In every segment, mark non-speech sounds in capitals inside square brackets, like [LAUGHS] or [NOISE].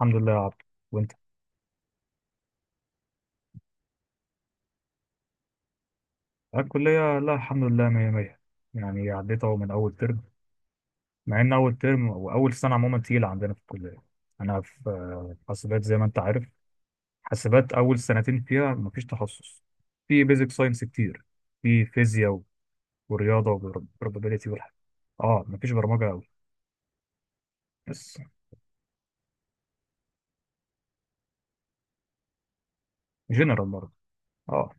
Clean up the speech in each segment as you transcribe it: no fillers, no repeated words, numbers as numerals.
الحمد لله يا عبد. وانت؟ الكلية، لا الحمد لله مية مية. يعني عديت اهو من أول ترم، مع إن أول ترم وأول سنة عموما تقيلة عندنا في الكلية. أنا في حاسبات زي ما أنت عارف. حاسبات أول سنتين فيها مفيش تخصص. في بيزك ساينس كتير، في فيزياء ورياضة وبروبابيليتي والحاجات. اه مفيش برمجة أوي بس. جنرال برضه. اه.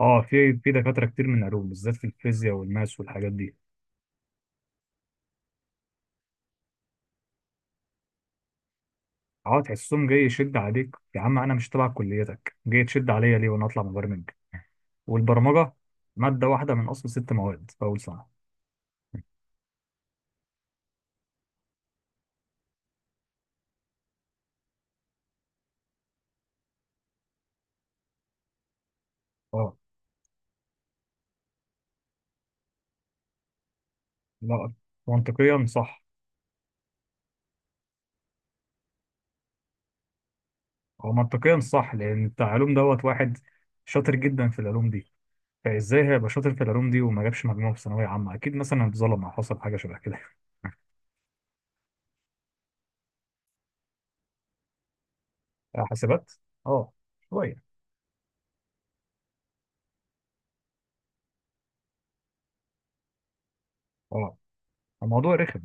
اه في دكاترة كتير من علوم، بالذات في الفيزياء والماس والحاجات دي. اه تحسهم جاي يشد عليك، يا عم انا مش تبع كليتك، جاي تشد عليا ليه وانا اطلع مبرمج. والبرمجة مادة واحدة من أصل ست مواد في أول سنة. اه. لا، منطقيا صح. هو منطقيا صح لأن بتاع علوم دوت واحد شاطر جدا في العلوم دي. فإزاي هيبقى شاطر في العلوم دي وما جابش مجموع في ثانوية عامة؟ أكيد مثلا اتظلم أو حصل حاجة شبه كده. [LAUGHS] آه، حاسبات. اه، شوية. اه الموضوع رخم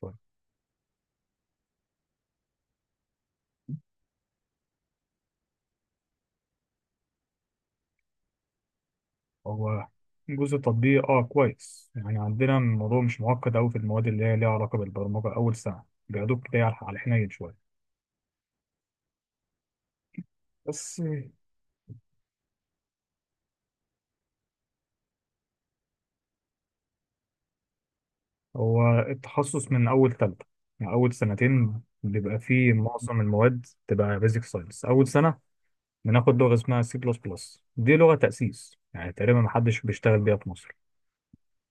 شوية. هو جزء التطبيق اه كويس، يعني عندنا الموضوع مش معقد أوي في المواد اللي هي ليها علاقة بالبرمجة أول سنة. بياخدوك كده على الحنين شوية بس. هو التخصص من أول تالتة، يعني أول سنتين بيبقى فيه معظم المواد تبقى بيزك ساينس. أول سنة بناخد لغة اسمها سي بلس بلس، دي لغة تأسيس يعني تقريبا محدش بيشتغل بيها في مصر.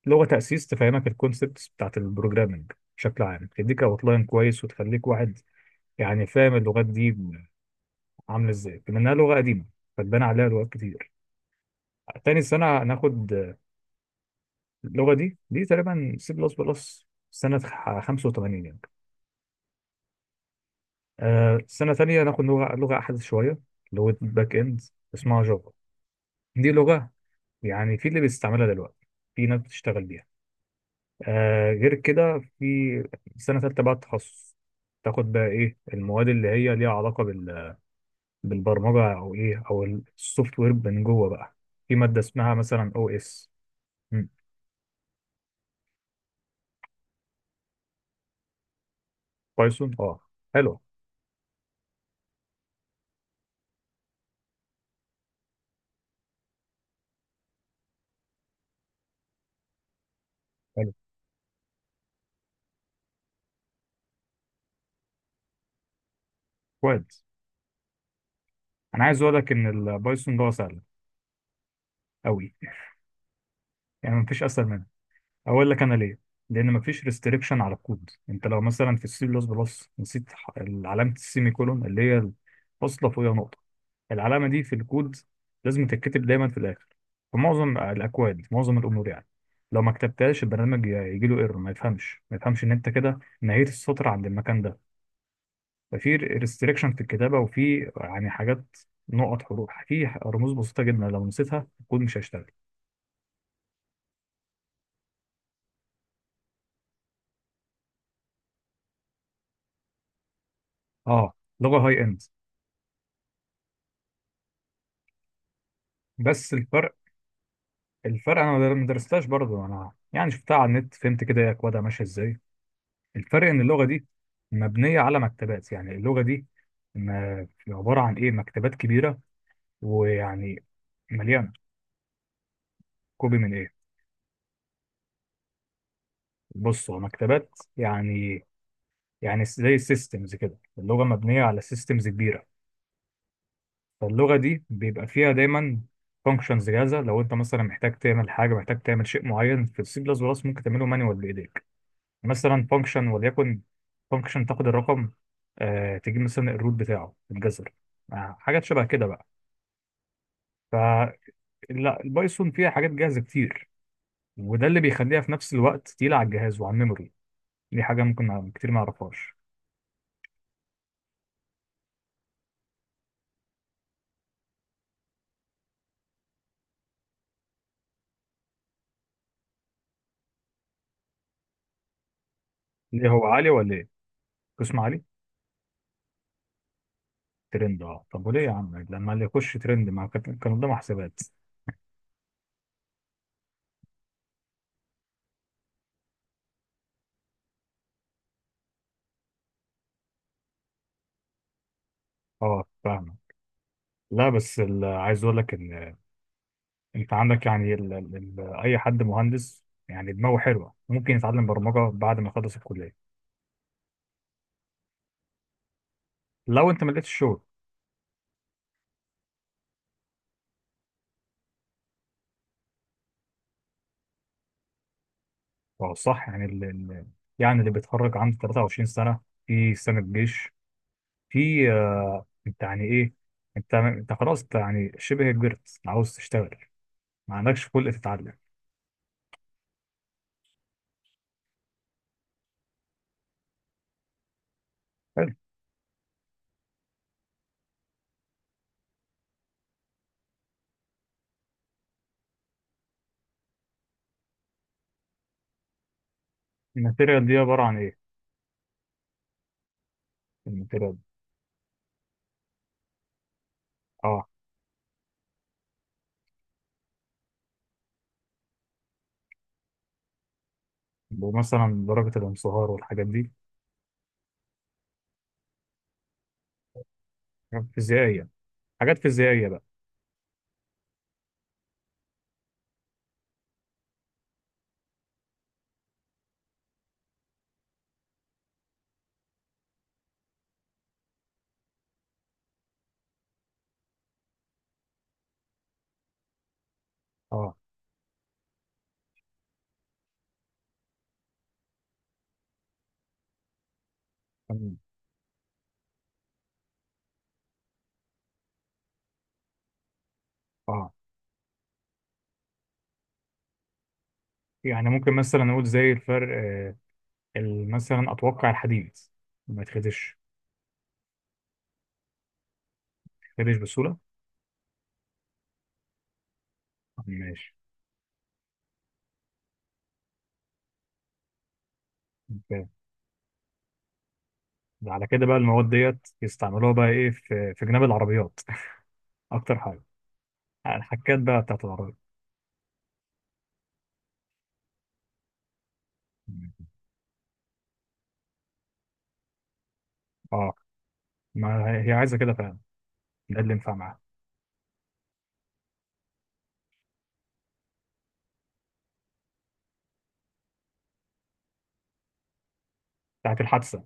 لغة تأسيس تفهمك الكونسبتس بتاعت البروجرامنج بشكل عام، تديك أوتلاين كويس وتخليك واحد يعني فاهم اللغات دي عاملة إزاي، بما إنها لغة قديمة فاتبنى عليها لغات كتير. تاني سنة ناخد اللغة دي، دي تقريبا سي بلس بلس سنة 85. آه، سنة تانية ناخد لغة أحدث شوية، لغة باك إند اسمها جافا. دي لغة يعني في اللي بيستعملها دلوقتي، في ناس بتشتغل بيها. آه، غير كده في سنة تالتة بقى التخصص، تاخد بقى إيه المواد اللي هي ليها علاقة بال... بالبرمجة أو إيه، أو السوفت وير من جوه بقى. في مادة اسمها مثلا أو إس. بايثون أه. حلو. حلو. كويس. أنا عايز أقول لك إن البايثون ده سهل أوي، يعني مفيش أسهل. اقول لك انا ليه: لان مفيش ريستريكشن على الكود. انت لو مثلا في السي بلس بلس نسيت ح- علامه السيمي كولون، اللي هي فاصله فوقيها نقطه، العلامه دي في الكود لازم تتكتب دايما في الاخر، في معظم الاكواد في معظم الامور يعني. لو ما كتبتهاش البرنامج يجي له ايرور، ما يفهمش ان انت كده نهيت السطر عند المكان ده. ففي ريستريكشن في الكتابه، وفي يعني حاجات، نقط حروف، في رموز بسيطه جدا لو نسيتها الكود مش هيشتغل. اه، لغه هاي اند. بس الفرق، الفرق انا ما درستهاش برضه، انا يعني شفتها على النت فهمت كده هي اكوادها ماشيه ازاي. الفرق ان اللغه دي مبنيه على مكتبات. يعني اللغه دي ما عباره عن ايه، مكتبات كبيره ويعني مليانه. كوبي من ايه؟ بص، هو مكتبات يعني، يعني زي سيستمز كده، اللغه مبنيه على سيستمز كبيره. فاللغه دي بيبقى فيها دايما فانكشنز جاهزه. لو انت مثلا محتاج تعمل حاجه، محتاج تعمل شيء معين في السي بلس بلس، ممكن تعمله مانوال بايديك. مثلا فانكشن، وليكن فانكشن تاخد الرقم آه تجيب مثلا الروت بتاعه، تتجذر، آه حاجات شبه كده بقى. فلا، البايثون فيها حاجات جاهزه كتير، وده اللي بيخليها في نفس الوقت تقيله على الجهاز وعلى الميموري. دي حاجه ممكن كتير ما يعرفهاش. ليه، هو عالي ولا ايه؟ قسم عالي؟ ترند، اه. طب وليه يا عم لما اللي يخش ترند ما كان قدامه حسابات؟ اه، فاهمه. لا بس ال- عايز اقول لك ان انت عندك يعني ال اي حد مهندس يعني دماغه حلوه ممكن يتعلم برمجه بعد ما يخلص الكليه، لو انت ما لقيتش شغل. فهو صح يعني ال- ال- يعني اللي بيتخرج عنده 23 سنه، في سنه جيش، في آه انت يعني ايه، انت خلاص انت يعني شبه كبرت، عاوز تشتغل، ما عندكش خلق تتعلم. حلو. الماتيريال دي عباره عن ايه؟ الماتيريال. اه مثلا درجه الانصهار والحاجات دي. حاجات فيزيائيه، حاجات فيزيائيه بقى. اه. تمام. اه يعني ممكن مثلا نقول زي الفرق آه ال- مثلا اتوقع الحديد ما يتخدش. يتخدش بسهوله. ماشي. على كده بقى المواد ديت يستعملوها بقى ايه في في جناب العربيات؟ [LAUGHS] اكتر حاجه الحكات بقى بتاعت العربيات. اه، ما هي هي عايزه كده فعلا، ده اللي ينفع معاها. بتاعت الحادثه،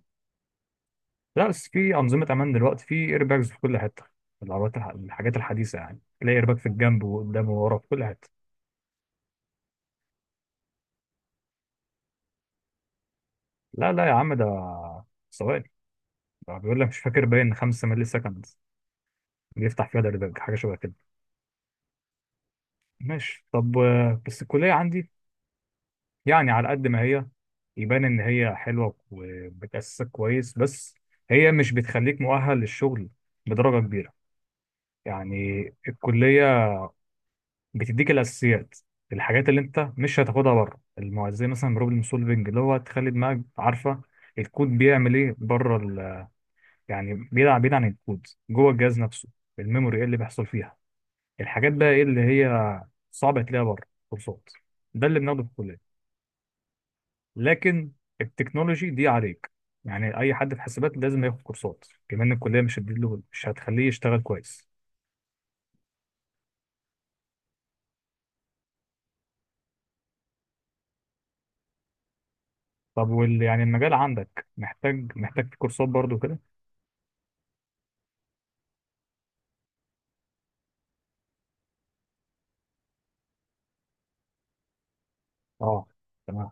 لا بس في انظمه امان دلوقتي، في ايرباجز في كل حته، في العربيات الح- الحاجات الحديثه، يعني تلاقي ايرباج في الجنب وقدام وورا في كل حته. لا لا يا عم، ده ثواني، ده بيقول لك مش فاكر، باين 5 مللي سكند بيفتح فيها الإيرباج، حاجه شبه كده. ماشي. طب آه، بس الكليه عندي يعني على قد ما هي يبان ان هي حلوه وبتاسسك كويس، بس هي مش بتخليك مؤهل للشغل بدرجه كبيره. يعني الكليه بتديك الاساسيات، الحاجات اللي انت مش هتاخدها بره المو- زي مثلا بروبلم سولفنج، اللي هو تخلي دماغك عارفه الكود بيعمل ايه بره ال... يعني بيلعب بعيد عن الكود، جوه الجهاز نفسه، الميموري ايه اللي بيحصل فيها، الحاجات بقى ايه اللي هي صعبه تلاقيها بره كورسات. ده اللي بناخده في الكليه. لكن التكنولوجي دي عليك، يعني اي حد في حسابات لازم ياخد كورسات كمان، الكليه مش هتديله، مش هتخليه يشتغل كويس. طب وال يعني المجال عندك محتاج في كورسات برضو كده؟ اه تمام.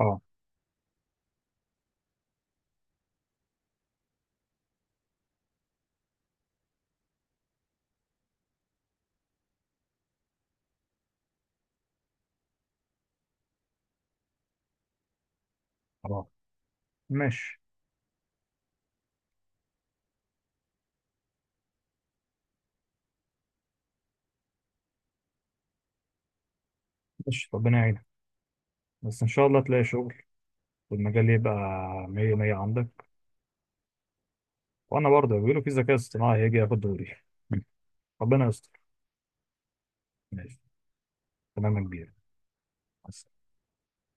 اه. اه. ماشي. ماشي ربنا يعينك. بس ان شاء الله تلاقي شغل والمجال يبقى مية مية عندك. وانا برضه بيقولوا في ذكاء اصطناعي هيجي ياخد دوري. [LAUGHS] ربنا يستر. ماشي. تمام يا كبير. مع